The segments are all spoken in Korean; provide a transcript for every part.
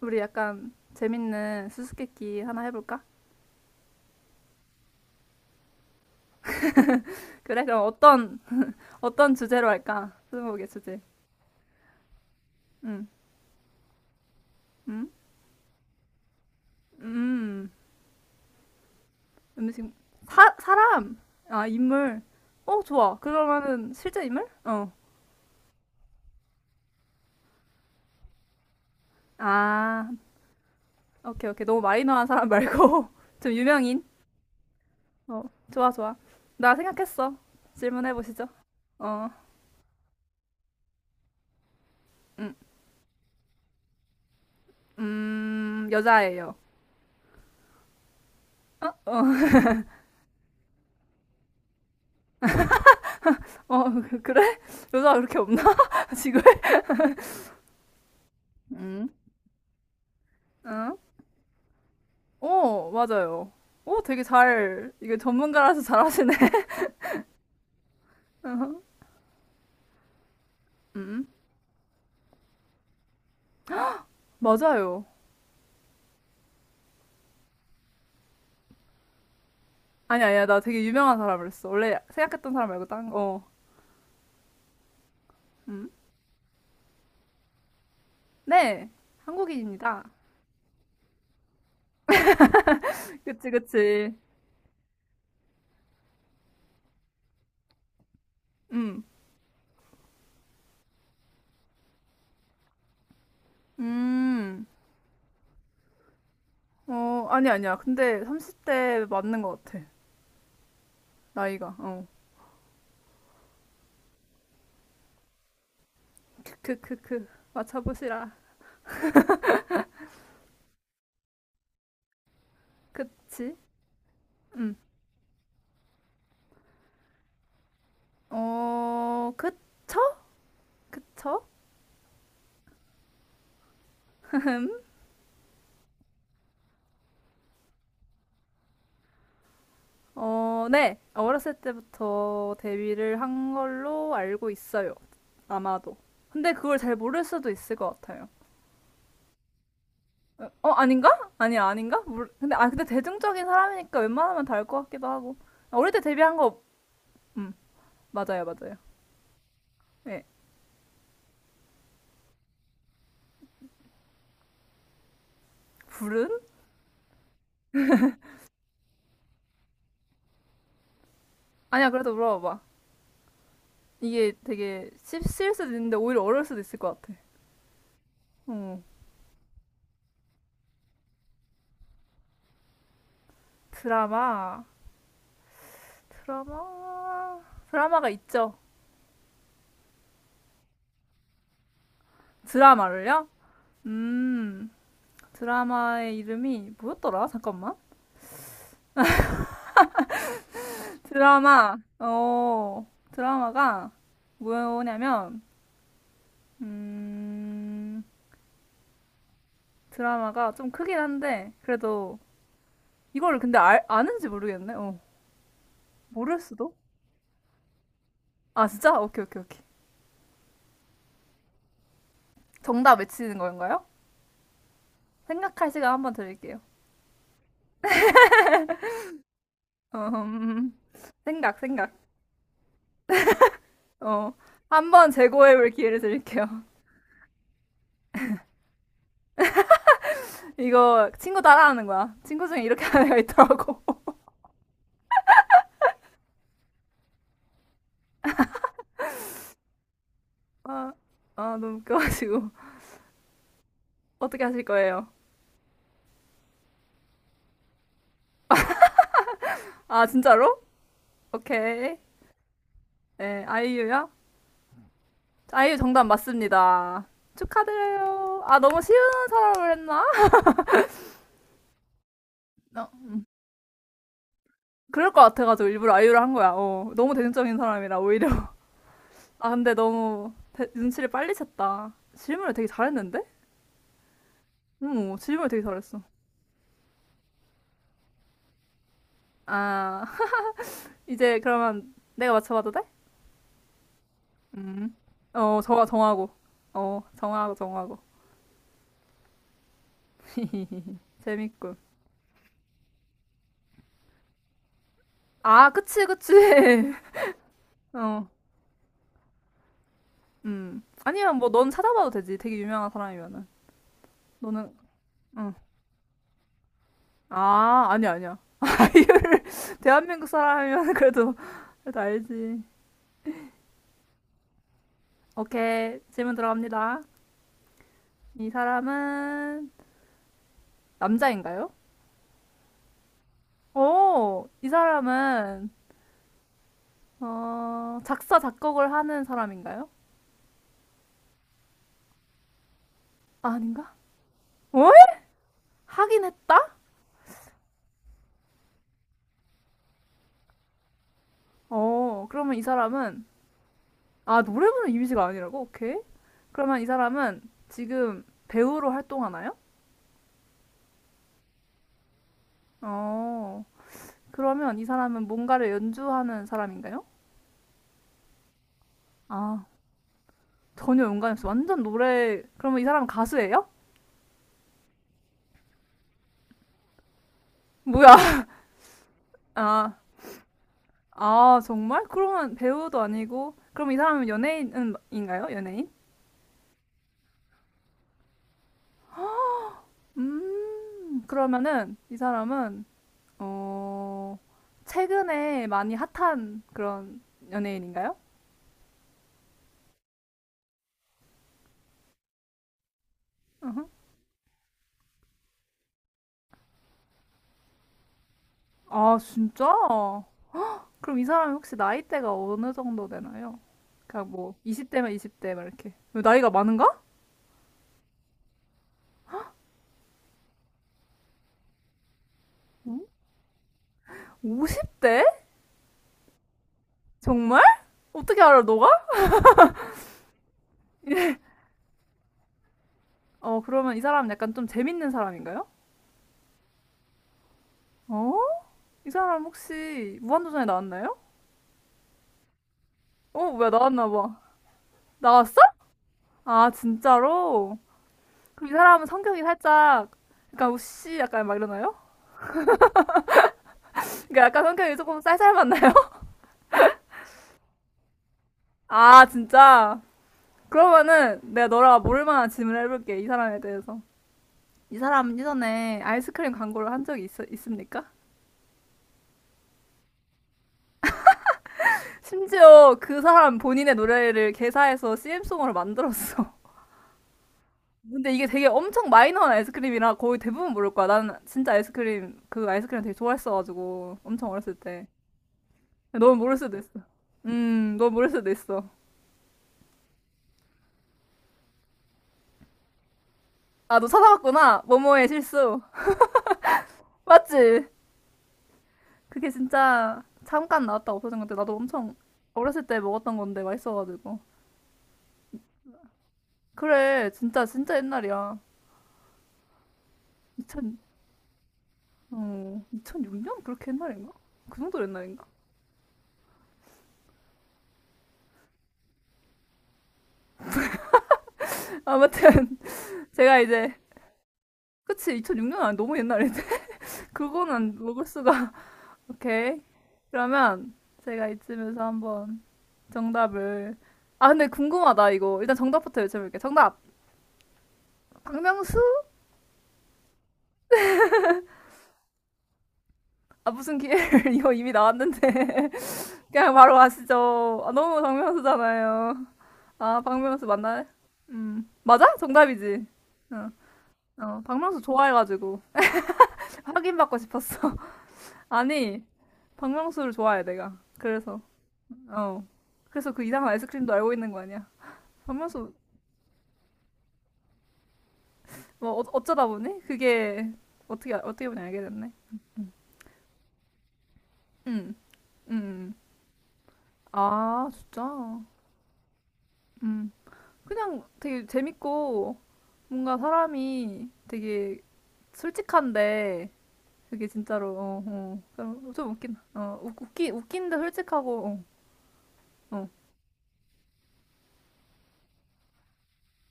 우리 약간 재밌는 수수께끼 하나 해볼까? 그래, 그럼 어떤 주제로 할까? 스무고개 주제. 응, 응, 음, 음식. 사람! 아, 인물. 어, 좋아. 그러면은 실제 인물? 어. 아, 오케이, 오케이. 너무 마이너한 사람 말고 좀 유명인. 어, 좋아, 좋아. 나 생각했어. 질문해 보시죠. 어, 음, 여자예요. 어, 어, 어, 그래? 여자 가 그렇게 없나? 지금? 응? 어? 어, 맞아요. 오, 되게 잘, 이게 전문가라서 잘하시네. 어허. 음, 음. 맞아요. 아니, 아니야. 나 되게 유명한 사람을 했어. 원래 생각했던 사람 말고 딴 거. 어. 음. 네, 한국인입니다. 그치, 그치. 음, 음. 어, 아니, 아니야. 근데 30대 맞는 것 같아. 나이가. 어. 크크크크. 맞춰보시라. 그치? 음. 어, 그쵸? 그쵸? 어, 네. 어렸을 때부터 데뷔를 한 걸로 알고 있어요. 아마도. 근데 그걸 잘 모를 수도 있을 것 같아요. 어, 아닌가? 아니, 아닌가? 근데 대중적인 사람이니까 웬만하면 다 알 것 같기도 하고. 아, 어릴 때 데뷔한 거, 음, 맞아요, 맞아요. 예. 불은? 아니야, 그래도 물어봐봐. 이게 되게 씹쓸 수도 있는데 오히려 어려울 수도 있을 것 같아. 어, 드라마, 드라마, 드라마가 있죠. 드라마를요? 음, 드라마의 이름이 뭐였더라? 잠깐만. 드라마, 어, 드라마가 뭐냐면, 음, 드라마가 좀 크긴 한데, 그래도 이걸 근데 아는지 모르겠네. 어, 모를 수도? 아, 진짜? 오케이, 오케이, 오케이. 정답 외치는 건가요? 생각할 시간 한번 드릴게요. 음, 생각, 생각. 어, 한번 재고해볼 기회를 드릴게요. 이거 친구 따라하는 거야. 친구 중에 이렇게 하는 애가 있더라고. 아, 아, 너무 웃겨가지고. 어떻게 하실 거예요? 아, 진짜로? 오케이. 네, 아이유요? 아이유 정답 맞습니다. 축하드려요. 아, 너무 쉬운 사람을 했나? 어. 그럴 것 같아가지고 일부러 아이유를 한 거야. 어, 너무 대중적인 사람이라, 오히려. 아, 근데 너무 눈치를 빨리 챘다. 질문을 되게 잘했는데? 응, 질문을 되게 잘했어. 아, 이제 그러면 내가 맞춰봐도 돼? 음. 어, 정하고. 어, 정하고, 정하고. 재밌군. 아, 그치, 그치. 어. 음. 아니야, 뭐, 넌 찾아봐도 되지. 되게 유명한 사람이면은. 너는, 응. 아, 아니야, 아니야. 대한민국 사람이면 그래도 알지. 오케이. 질문 들어갑니다. 이 사람은 남자인가요? 오, 이 사람은, 작사, 작곡을 하는 사람인가요? 아, 아닌가? 어? 하긴 했다? 어, 그러면 이 사람은, 아, 노래 부르는 이미지가 아니라고? 오케이. 그러면 이 사람은 지금 배우로 활동하나요? 어, 그러면 이 사람은 뭔가를 연주하는 사람인가요? 아, 전혀 연관이 없어. 완전 노래. 그러면 이 사람은 가수예요? 뭐야? 아, 아, 정말? 그러면 배우도 아니고. 그럼 이 사람은 연예인인가요? 연예인? 그러면은 이 사람은, 어, 최근에 많이 핫한 그런 연예인인가요? 아, 진짜? 그럼 이 사람이 혹시 나이대가 어느 정도 되나요? 그러니까 뭐, 20대면 20대, 막 이렇게. 나이가 많은가? 50대? 정말? 어떻게 알아, 너가? 어, 그러면 이 사람 은 약간 좀 재밌는 사람인가요? 어? 이 사람 혹시 무한도전에 나왔나요? 어, 뭐야, 나왔나 봐. 나왔어? 아, 진짜로? 그럼 이 사람은 성격이 살짝, 약간 우씨 약간 막 이러나요? 그러니까 약간 성격이 조금 쌀쌀 맞나요? 아, 진짜? 그러면은 내가 너랑 모를 만한 질문을 해볼게, 이 사람에 대해서. 이 사람 이전에 아이스크림 광고를 한 적이 있습니까? 심지어 그 사람 본인의 노래를 개사해서 CM송으로 만들었어. 근데 이게 되게 엄청 마이너한 아이스크림이라 거의 대부분 모를 거야. 나는 진짜 아이스크림, 그 아이스크림 되게 좋아했어가지고. 엄청 어렸을 때. 넌 모를 수도 있어. 넌 모를 수도 있어. 아, 너 찾아봤구나. 모모의 실수. 맞지? 그게 진짜 잠깐 나왔다 없어진 건데, 나도 엄청 어렸을 때 먹었던 건데, 맛있어가지고. 그래, 진짜, 진짜 옛날이야. 2000, 2006년? 그렇게 옛날인가? 그 정도 옛날인가? 아무튼, 제가 이제, 그치, 2006년 아니, 너무 옛날인데. 그거는 먹을 수가. 오케이. 그러면 제가 이쯤에서 한번 정답을. 아, 근데 궁금하다, 이거. 일단 정답부터 여쭤볼게요. 정답! 박명수? 아, 무슨 기회를. 이거 이미 나왔는데. 그냥 바로 아시죠. 아, 너무 박명수잖아요. 아, 박명수 맞나요? 음. 맞아? 정답이지. 어, 어, 박명수 좋아해가지고. 확인받고 싶었어. 아니, 박명수를 좋아해, 내가. 그래서. 어. 그래서 그 이상한 아이스크림도 알고 있는 거 아니야. 박명수 뭐 어쩌다 보니 그게 어떻게 어떻게 보니 알게 됐네. 응응 응. 아, 진짜. 음. 그냥 되게 재밌고 뭔가 사람이 되게 솔직한데 그게 진짜로 어, 어. 그럼 좀 웃긴. 어, 웃- 웃기 웃긴데 솔직하고 어. 어.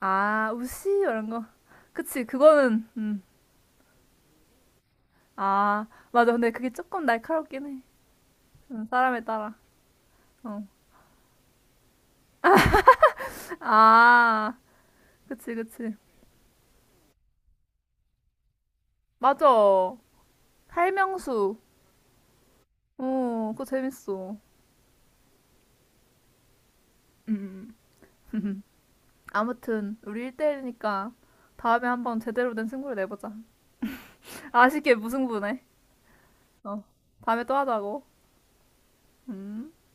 아, 우씨 이런 거. 그치, 그거는 아, 맞아. 근데 그게 조금 날카롭긴 해. 사람에 따라. 어. 아, 그치, 그치. 맞아. 활명수. 어, 그거 재밌어. 음. 아무튼 우리 1대1이니까 다음에 한번 제대로 된 승부를 내보자. 아쉽게 무승부네. 어, 다음에 또 하자고. 음.